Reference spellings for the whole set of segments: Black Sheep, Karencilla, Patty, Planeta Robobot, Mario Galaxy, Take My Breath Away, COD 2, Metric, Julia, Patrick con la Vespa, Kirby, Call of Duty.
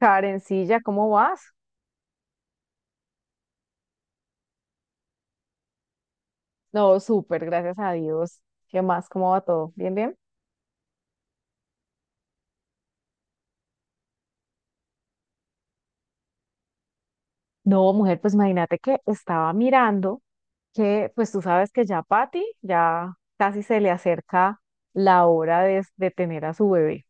Karencilla, ¿cómo vas? No, súper, gracias a Dios. ¿Qué más? ¿Cómo va todo? ¿Bien, bien? No, mujer, pues imagínate que estaba mirando que, pues tú sabes que ya Patty ya casi se le acerca la hora de tener a su bebé.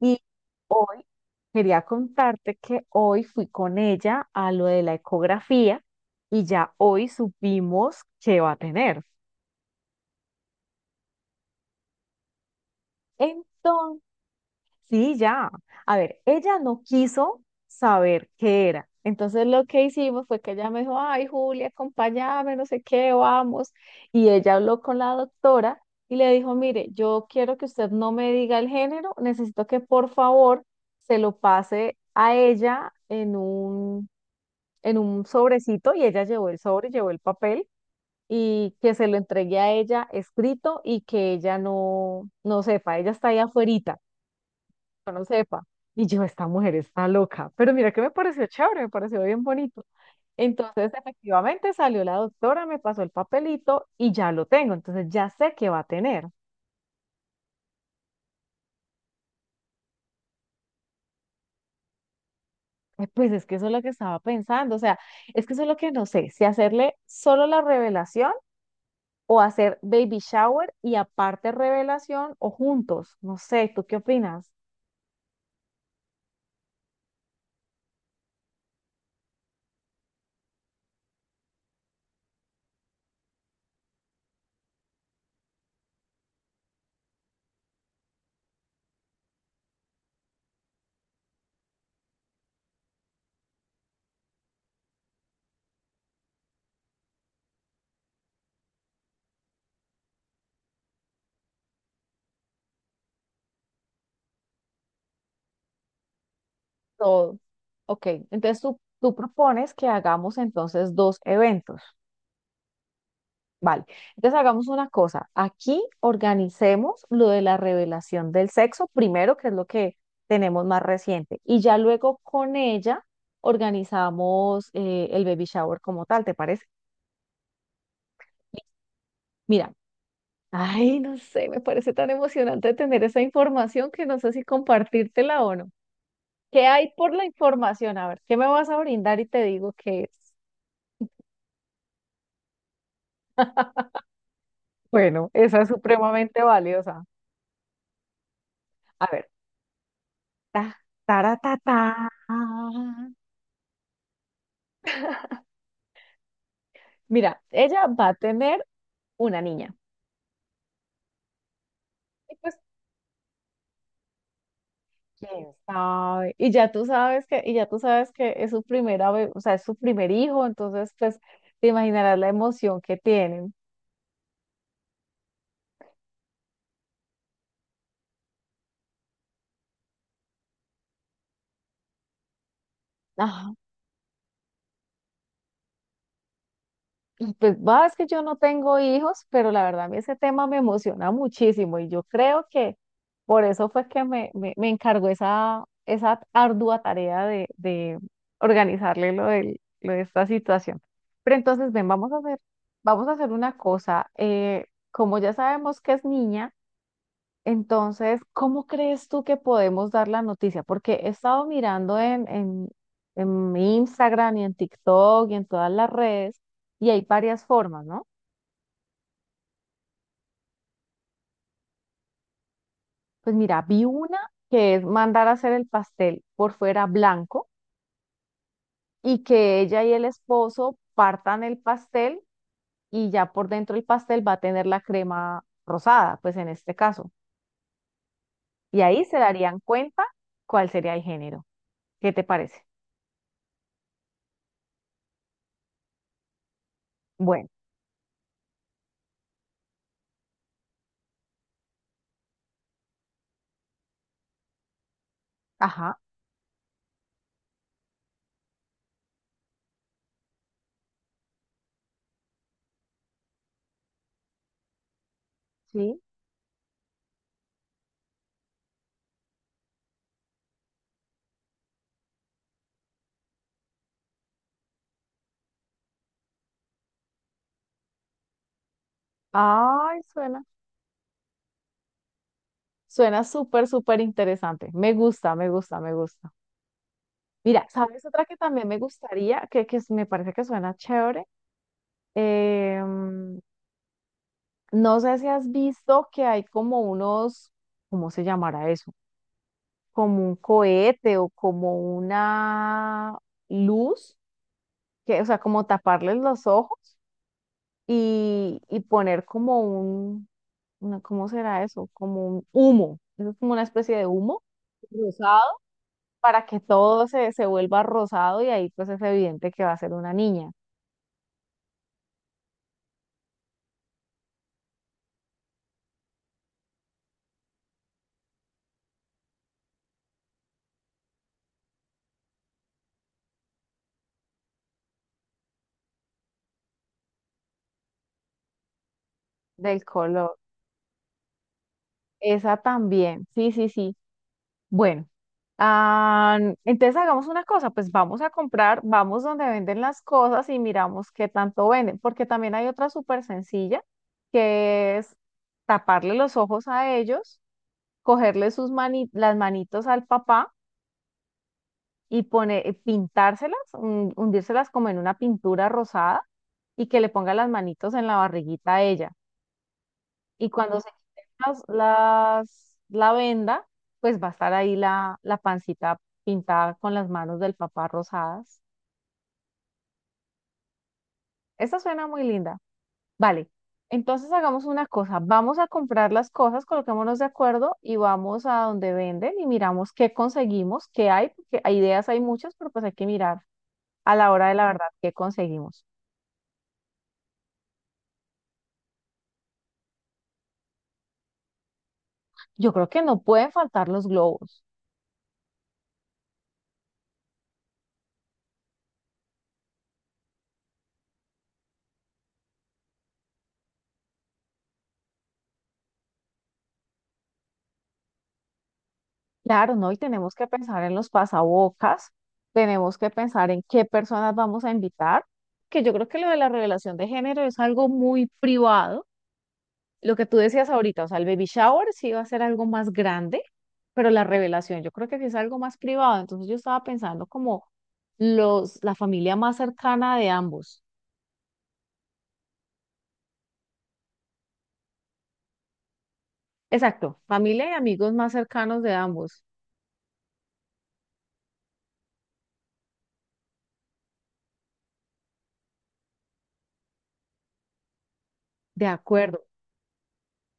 Y hoy quería contarte que hoy fui con ella a lo de la ecografía y ya hoy supimos que va a tener. Entonces. Sí, ya. A ver, ella no quiso saber qué era. Entonces lo que hicimos fue que ella me dijo, ay, Julia, acompáñame, no sé qué, vamos. Y ella habló con la doctora y le dijo, mire, yo quiero que usted no me diga el género, necesito que por favor se lo pase a ella en un sobrecito. Y ella llevó el sobre, llevó el papel y que se lo entregue a ella escrito y que ella no, no sepa, ella está ahí afuera yo no sepa. Y yo, esta mujer está loca. Pero mira que me pareció chévere, me pareció bien bonito. Entonces, efectivamente, salió la doctora, me pasó el papelito y ya lo tengo. Entonces, ya sé que va a tener. Pues es que eso es lo que estaba pensando. O sea, es que eso es lo que no sé, si hacerle solo la revelación o hacer baby shower y aparte revelación o juntos. No sé, ¿tú qué opinas? Todo. Ok, entonces tú propones que hagamos entonces dos eventos. Vale, entonces hagamos una cosa. Aquí organicemos lo de la revelación del sexo primero, que es lo que tenemos más reciente, y ya luego con ella organizamos el baby shower como tal, ¿te parece? Mira, ay, no sé, me parece tan emocionante tener esa información que no sé si compartírtela o no. ¿Qué hay por la información? A ver, ¿qué me vas a brindar y te digo qué es? Bueno, esa es supremamente valiosa. A ver, ta, tara, ta, ta. Mira, ella va a tener una niña. Y pues, quién sabe. Y ya tú sabes que es su o sea, es su primer hijo, entonces, pues, te imaginarás la emoción que tienen. Y pues va, es que yo no tengo hijos, pero la verdad a mí ese tema me emociona muchísimo y yo creo que por eso fue que me encargó esa ardua tarea de organizarle lo de esta situación. Pero entonces, ven, vamos a hacer una cosa. Como ya sabemos que es niña, entonces, ¿cómo crees tú que podemos dar la noticia? Porque he estado mirando en, en mi Instagram y en TikTok y en todas las redes y hay varias formas, ¿no? Pues mira, vi una que es mandar a hacer el pastel por fuera blanco y que ella y el esposo partan el pastel y ya por dentro el pastel va a tener la crema rosada, pues en este caso. Y ahí se darían cuenta cuál sería el género. ¿Qué te parece? Bueno, ajá, sí. Ay, suena, suena súper, súper interesante. Me gusta, me gusta, me gusta. Mira, ¿sabes otra que también me gustaría, que me parece que suena chévere? Em, no sé si has visto que hay como unos, ¿cómo se llamará eso? Como un cohete o como una luz, que, o sea, como taparles los ojos y poner ¿cómo será eso? Como un humo. Eso es como una especie de humo rosado, para que todo se vuelva rosado y ahí pues es evidente que va a ser una niña del color. Esa también, sí, sí, sí. Bueno, ah, entonces hagamos una cosa, pues vamos a comprar, vamos donde venden las cosas y miramos qué tanto venden, porque también hay otra súper sencilla, que es taparle los ojos a ellos, cogerle las manitos al papá y pintárselas, hundírselas como en una pintura rosada y que le ponga las manitos en la barriguita a ella. Y cuando se quiten la venda, pues va a estar ahí la pancita pintada con las manos del papá rosadas. Esta suena muy linda. Vale, entonces hagamos una cosa. Vamos a comprar las cosas, coloquémonos de acuerdo y vamos a donde venden y miramos qué conseguimos, qué hay, porque hay ideas hay muchas, pero pues hay que mirar a la hora de la verdad qué conseguimos. Yo creo que no pueden faltar los globos. Claro, ¿no? Y tenemos que pensar en los pasabocas, tenemos que pensar en qué personas vamos a invitar, que yo creo que lo de la revelación de género es algo muy privado. Lo que tú decías ahorita, o sea, el baby shower sí va a ser algo más grande, pero la revelación yo creo que sí es algo más privado. Entonces yo estaba pensando como la familia más cercana de ambos. Exacto, familia y amigos más cercanos de ambos. De acuerdo.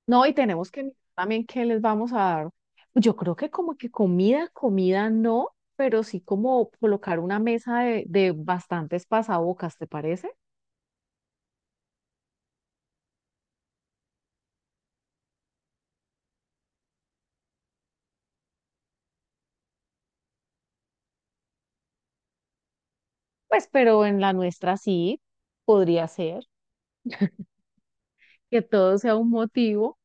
No, y tenemos que mirar también qué les vamos a dar. Yo creo que como que comida, comida no, pero sí como colocar una mesa de bastantes pasabocas, ¿te parece? Pues, pero en la nuestra sí podría ser que todo sea un motivo.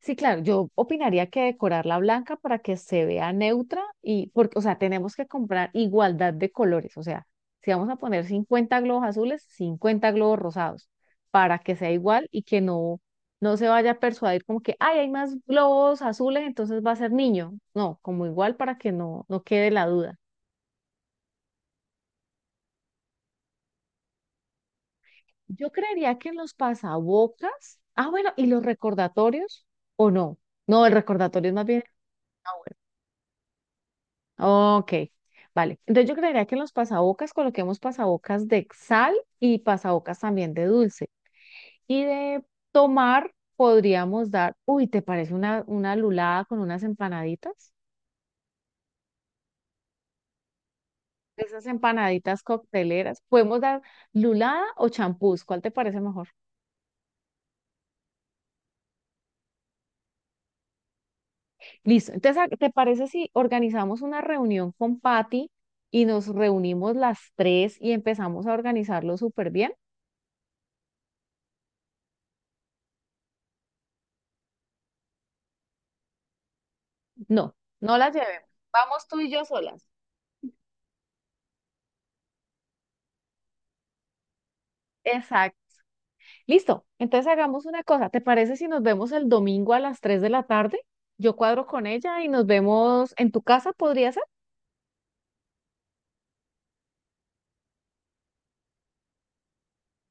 Sí, claro, yo opinaría que decorarla blanca para que se vea neutra y porque, o sea, tenemos que comprar igualdad de colores, o sea, si vamos a poner 50 globos azules, 50 globos rosados, para que sea igual y que no, no se vaya a persuadir como que, ay, hay más globos azules, entonces va a ser niño. No, como igual para que no, no quede la duda. Yo creería que en los pasabocas, ah, bueno, y los recordatorios, o no, no, el recordatorio es más bien. Ah, bueno. Ok, vale. Entonces yo creería que en los pasabocas coloquemos pasabocas de sal y pasabocas también de dulce. Y de tomar podríamos dar, uy, ¿te parece una lulada con unas empanaditas? Esas empanaditas cocteleras. Podemos dar lulada o champús, ¿cuál te parece mejor? Listo. Entonces, ¿te parece si organizamos una reunión con Patty y nos reunimos las tres y empezamos a organizarlo súper bien? No, no las llevemos. Vamos tú y yo solas. Exacto. Listo, entonces hagamos una cosa. ¿Te parece si nos vemos el domingo a las 3 de la tarde? Yo cuadro con ella y nos vemos en tu casa, ¿podría ser?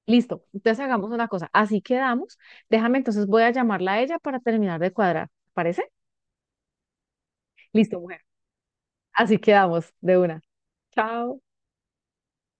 Listo, entonces hagamos una cosa. Así quedamos. Déjame, entonces voy a llamarla a ella para terminar de cuadrar. ¿Te parece? Listo, mujer. Así quedamos de una. Chao.